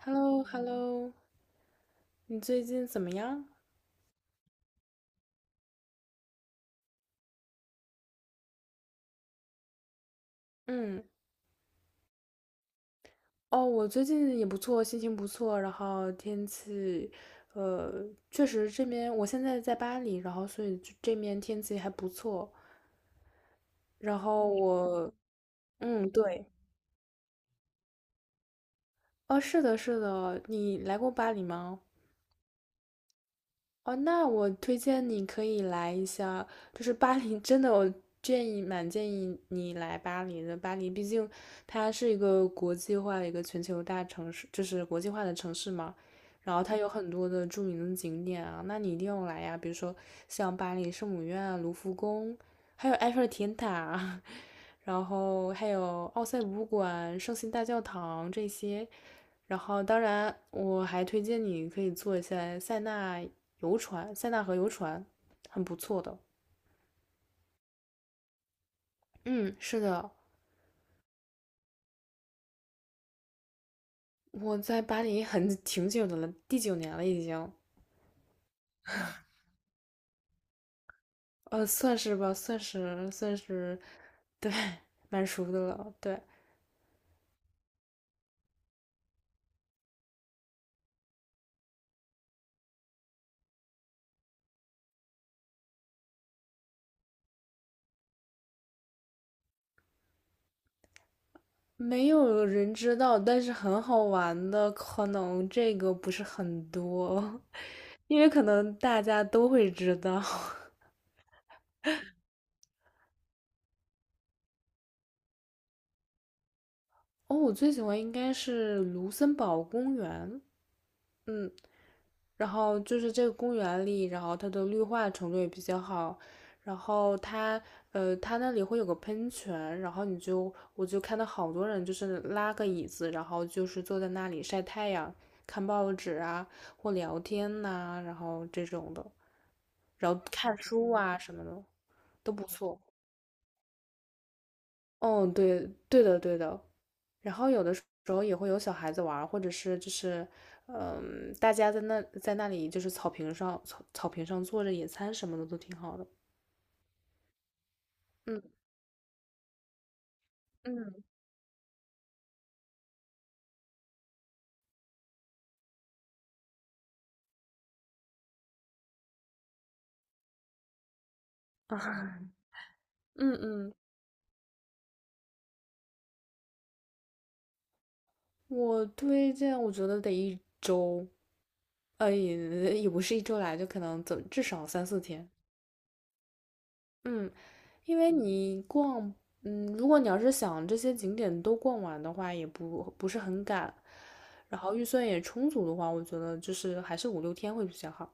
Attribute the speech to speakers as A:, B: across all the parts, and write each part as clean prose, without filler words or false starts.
A: Hello, hello 你最近怎么样？嗯，哦，我最近也不错，心情不错，然后天气，呃，确实这边我现在在巴黎，然后所以这面天气还不错。然后我，嗯，对，哦，是的，是的，你来过巴黎吗？哦，那我推荐你可以来一下，就是巴黎，真的我蛮建议你来巴黎的。巴黎毕竟它是一个国际化的一个全球大城市，就是国际化的城市嘛。然后它有很多的著名的景点啊，那你一定要来呀。比如说像巴黎圣母院啊卢浮宫，还有埃菲尔铁塔啊，然后还有奥赛博物馆、圣心大教堂这些。然后，当然我还推荐你可以坐一下塞纳游船，塞纳河游船很不错的。嗯，是的，我在巴黎很挺久的了，第9年了已经，算是吧，算是，对，蛮熟的了，对。没有人知道，但是很好玩的，可能这个不是很多，因为可能大家都会知道。哦，我最喜欢应该是卢森堡公园，嗯，然后就是这个公园里，然后它的绿化程度也比较好，然后它那里会有个喷泉，然后我就看到好多人就是拉个椅子，然后就是坐在那里晒太阳、看报纸啊或聊天呐、然后这种的，然后看书啊什么的都不错。哦，对对的对的，然后有的时候也会有小孩子玩或者是就是嗯，大家在那里就是草坪上坐着野餐什么的都挺好的。嗯嗯啊嗯嗯，我推荐，我觉得得一周，也不是一周来，就可能至少3、4天。嗯，因为你逛，如果你要是想这些景点都逛完的话，也不是很赶，然后预算也充足的话，我觉得就是还是5、6天会比较好。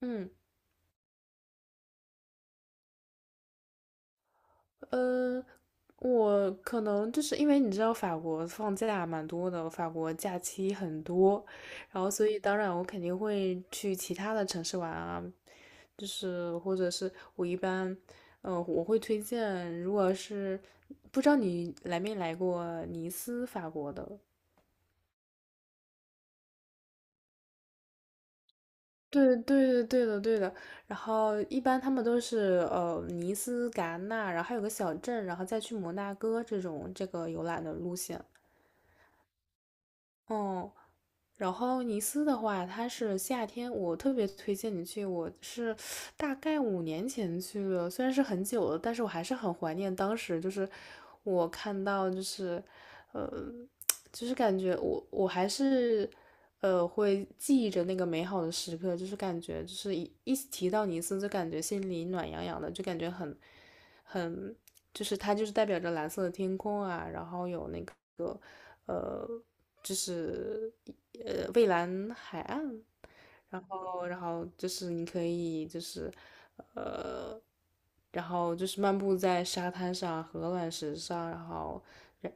A: 嗯。呃，我可能就是因为你知道法国放假蛮多的，法国假期很多，然后所以当然我肯定会去其他的城市玩啊，就是或者是我一般，我会推荐，如果是不知道你来没来过尼斯，法国的。对对的对的对的，然后一般他们都是尼斯、戛纳，然后还有个小镇，然后再去摩纳哥这种这个游览的路线。哦，然后尼斯的话，它是夏天，我特别推荐你去。我是大概5年前去的，虽然是很久了，但是我还是很怀念当时。就是我看到，就是，呃，就是感觉我还是，会记忆着那个美好的时刻。就是感觉，就是一提到尼斯，就感觉心里暖洋洋的，就感觉很就是它就是代表着蓝色的天空啊，然后有那个呃，就是蔚蓝海岸，然后就是你可以就是呃，然后就是漫步在沙滩上和卵石上，然后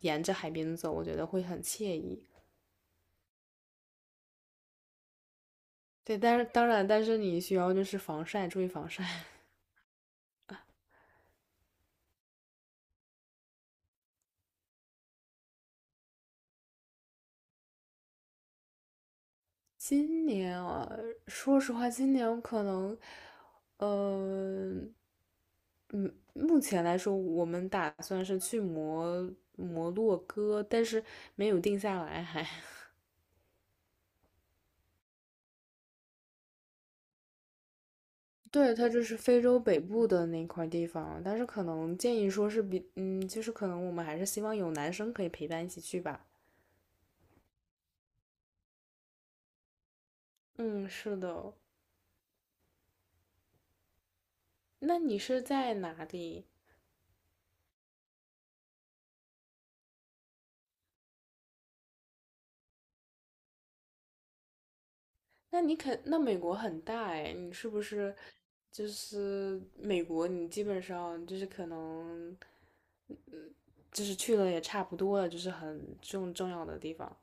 A: 沿着海边走，我觉得会很惬意。对，但是当然，但是你需要就是防晒，注意防晒。今年啊，说实话，今年可能，呃，嗯，目前来说，我们打算是去摩洛哥，但是没有定下来还。对，它就是非洲北部的那块地方，但是可能建议说是比，就是可能我们还是希望有男生可以陪伴一起去吧。嗯，是的。那你是在哪里？那你肯，那美国很大哎，你是不是就是美国？你基本上就是可能，嗯，就是去了也差不多了，就是很重要的地方。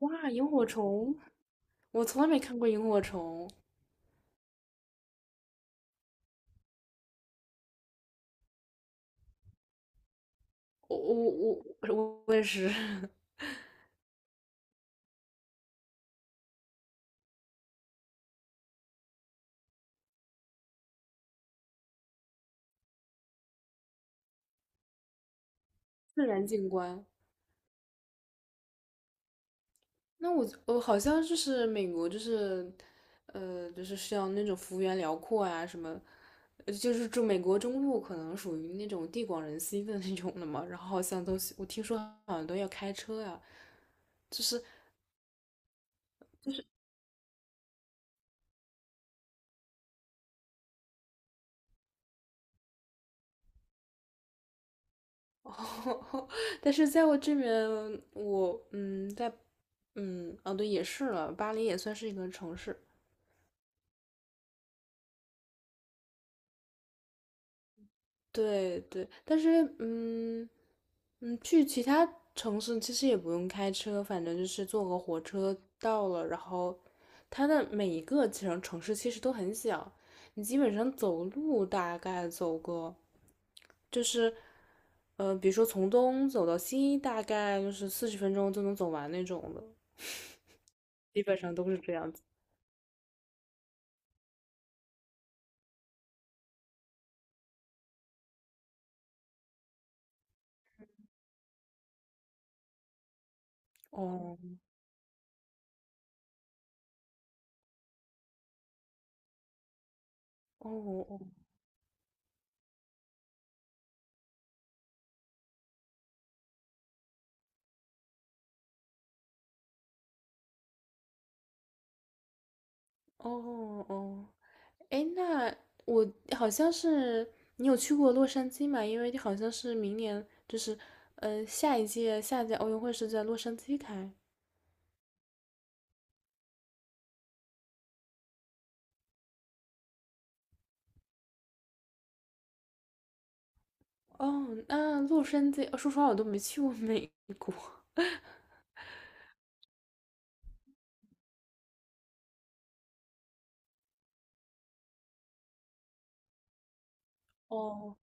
A: 哇，萤火虫，我从来没看过萤火虫，我我我我 我也是 自然景观。那我好像就是美国，就是就是像那种幅员辽阔啊，什么，就是住美国中部可能属于那种地广人稀的那种的嘛。然后好像都我听说好像都要开车呀、就是 哦，但是在我这边，我嗯，在嗯，哦对，也是了，巴黎也算是一个城市。对对，但是去其他城市其实也不用开车，反正就是坐个火车到了。然后它的每一个城市其实都很小，你基本上走路大概走个就是比如说从东走到西，大概就是40分钟就能走完那种的，基本上都是这样子。哦哦哦哦哦。哎，那我好像是你有去过洛杉矶嘛？因为你好像是明年就是，下一届奥运会是在洛杉矶开。哦，那洛杉矶，说实话我都没去过美国。哦，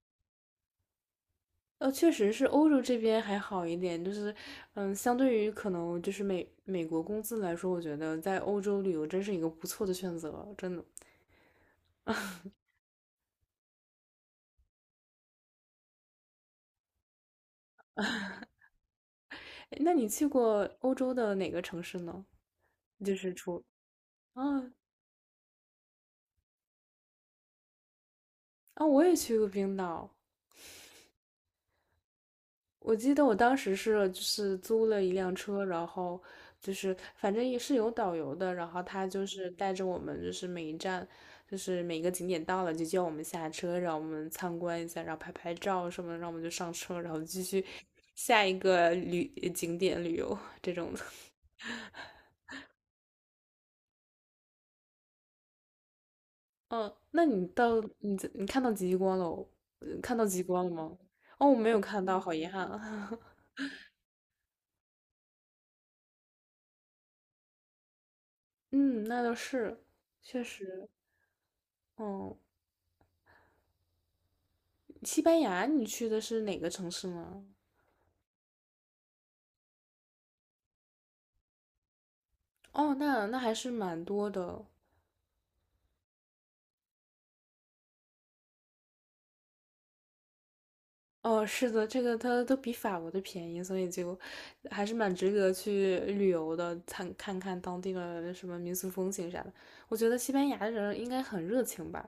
A: 确实是欧洲这边还好一点，就是，相对于可能就是美国工资来说，我觉得在欧洲旅游真是一个不错的选择，真的。诶那你去过欧洲的哪个城市呢？就是除啊，哦啊，我也去过冰岛。我记得我当时是就是租了一辆车，然后就是反正也是有导游的，然后他就是带着我们，就是每一站，就是每个景点到了就叫我们下车，让我们参观一下，然后拍拍照什么的，让我们就上车，然后继续下一个景点旅游这种的。嗯，那你到你在你看到极光了哦呃看到极光了吗？哦，我没有看到，好遗憾啊。嗯，那倒是，确实。哦，西班牙，你去的是哪个城市呢？哦，那还是蛮多的。哦，是的，这个它都比法国的便宜，所以就还是蛮值得去旅游的，看看当地的什么民俗风情啥的。我觉得西班牙人应该很热情吧。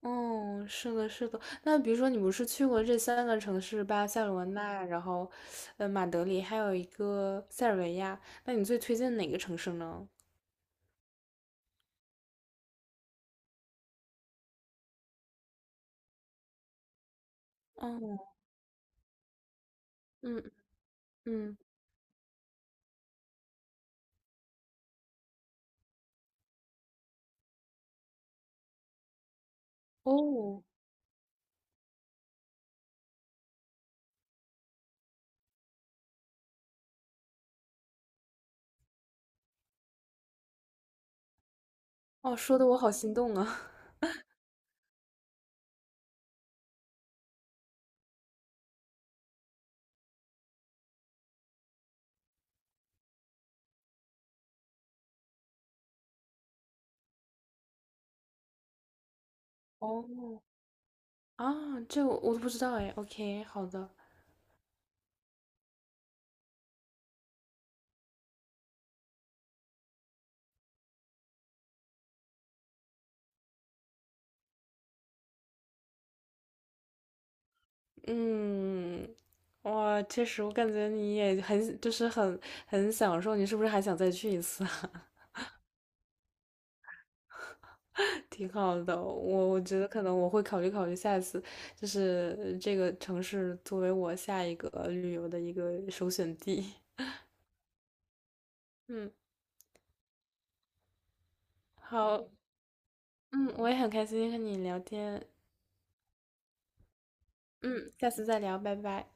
A: 哦，是的，是的。那比如说，你不是去过这3个城市——巴塞罗那，然后，马德里，还有一个塞尔维亚。那你最推荐哪个城市呢？哦，嗯嗯，哦。哦，说的我好心动啊！哦，啊，这我都不知道哎。OK，好的，嗯，哇，确实，我感觉你也很，就是很享受，你是不是还想再去一次啊？挺好的，我觉得可能我会考虑考虑下一次，就是这个城市作为我下一个旅游的一个首选地。嗯，好，嗯，我也很开心和你聊天，嗯，下次再聊，拜拜。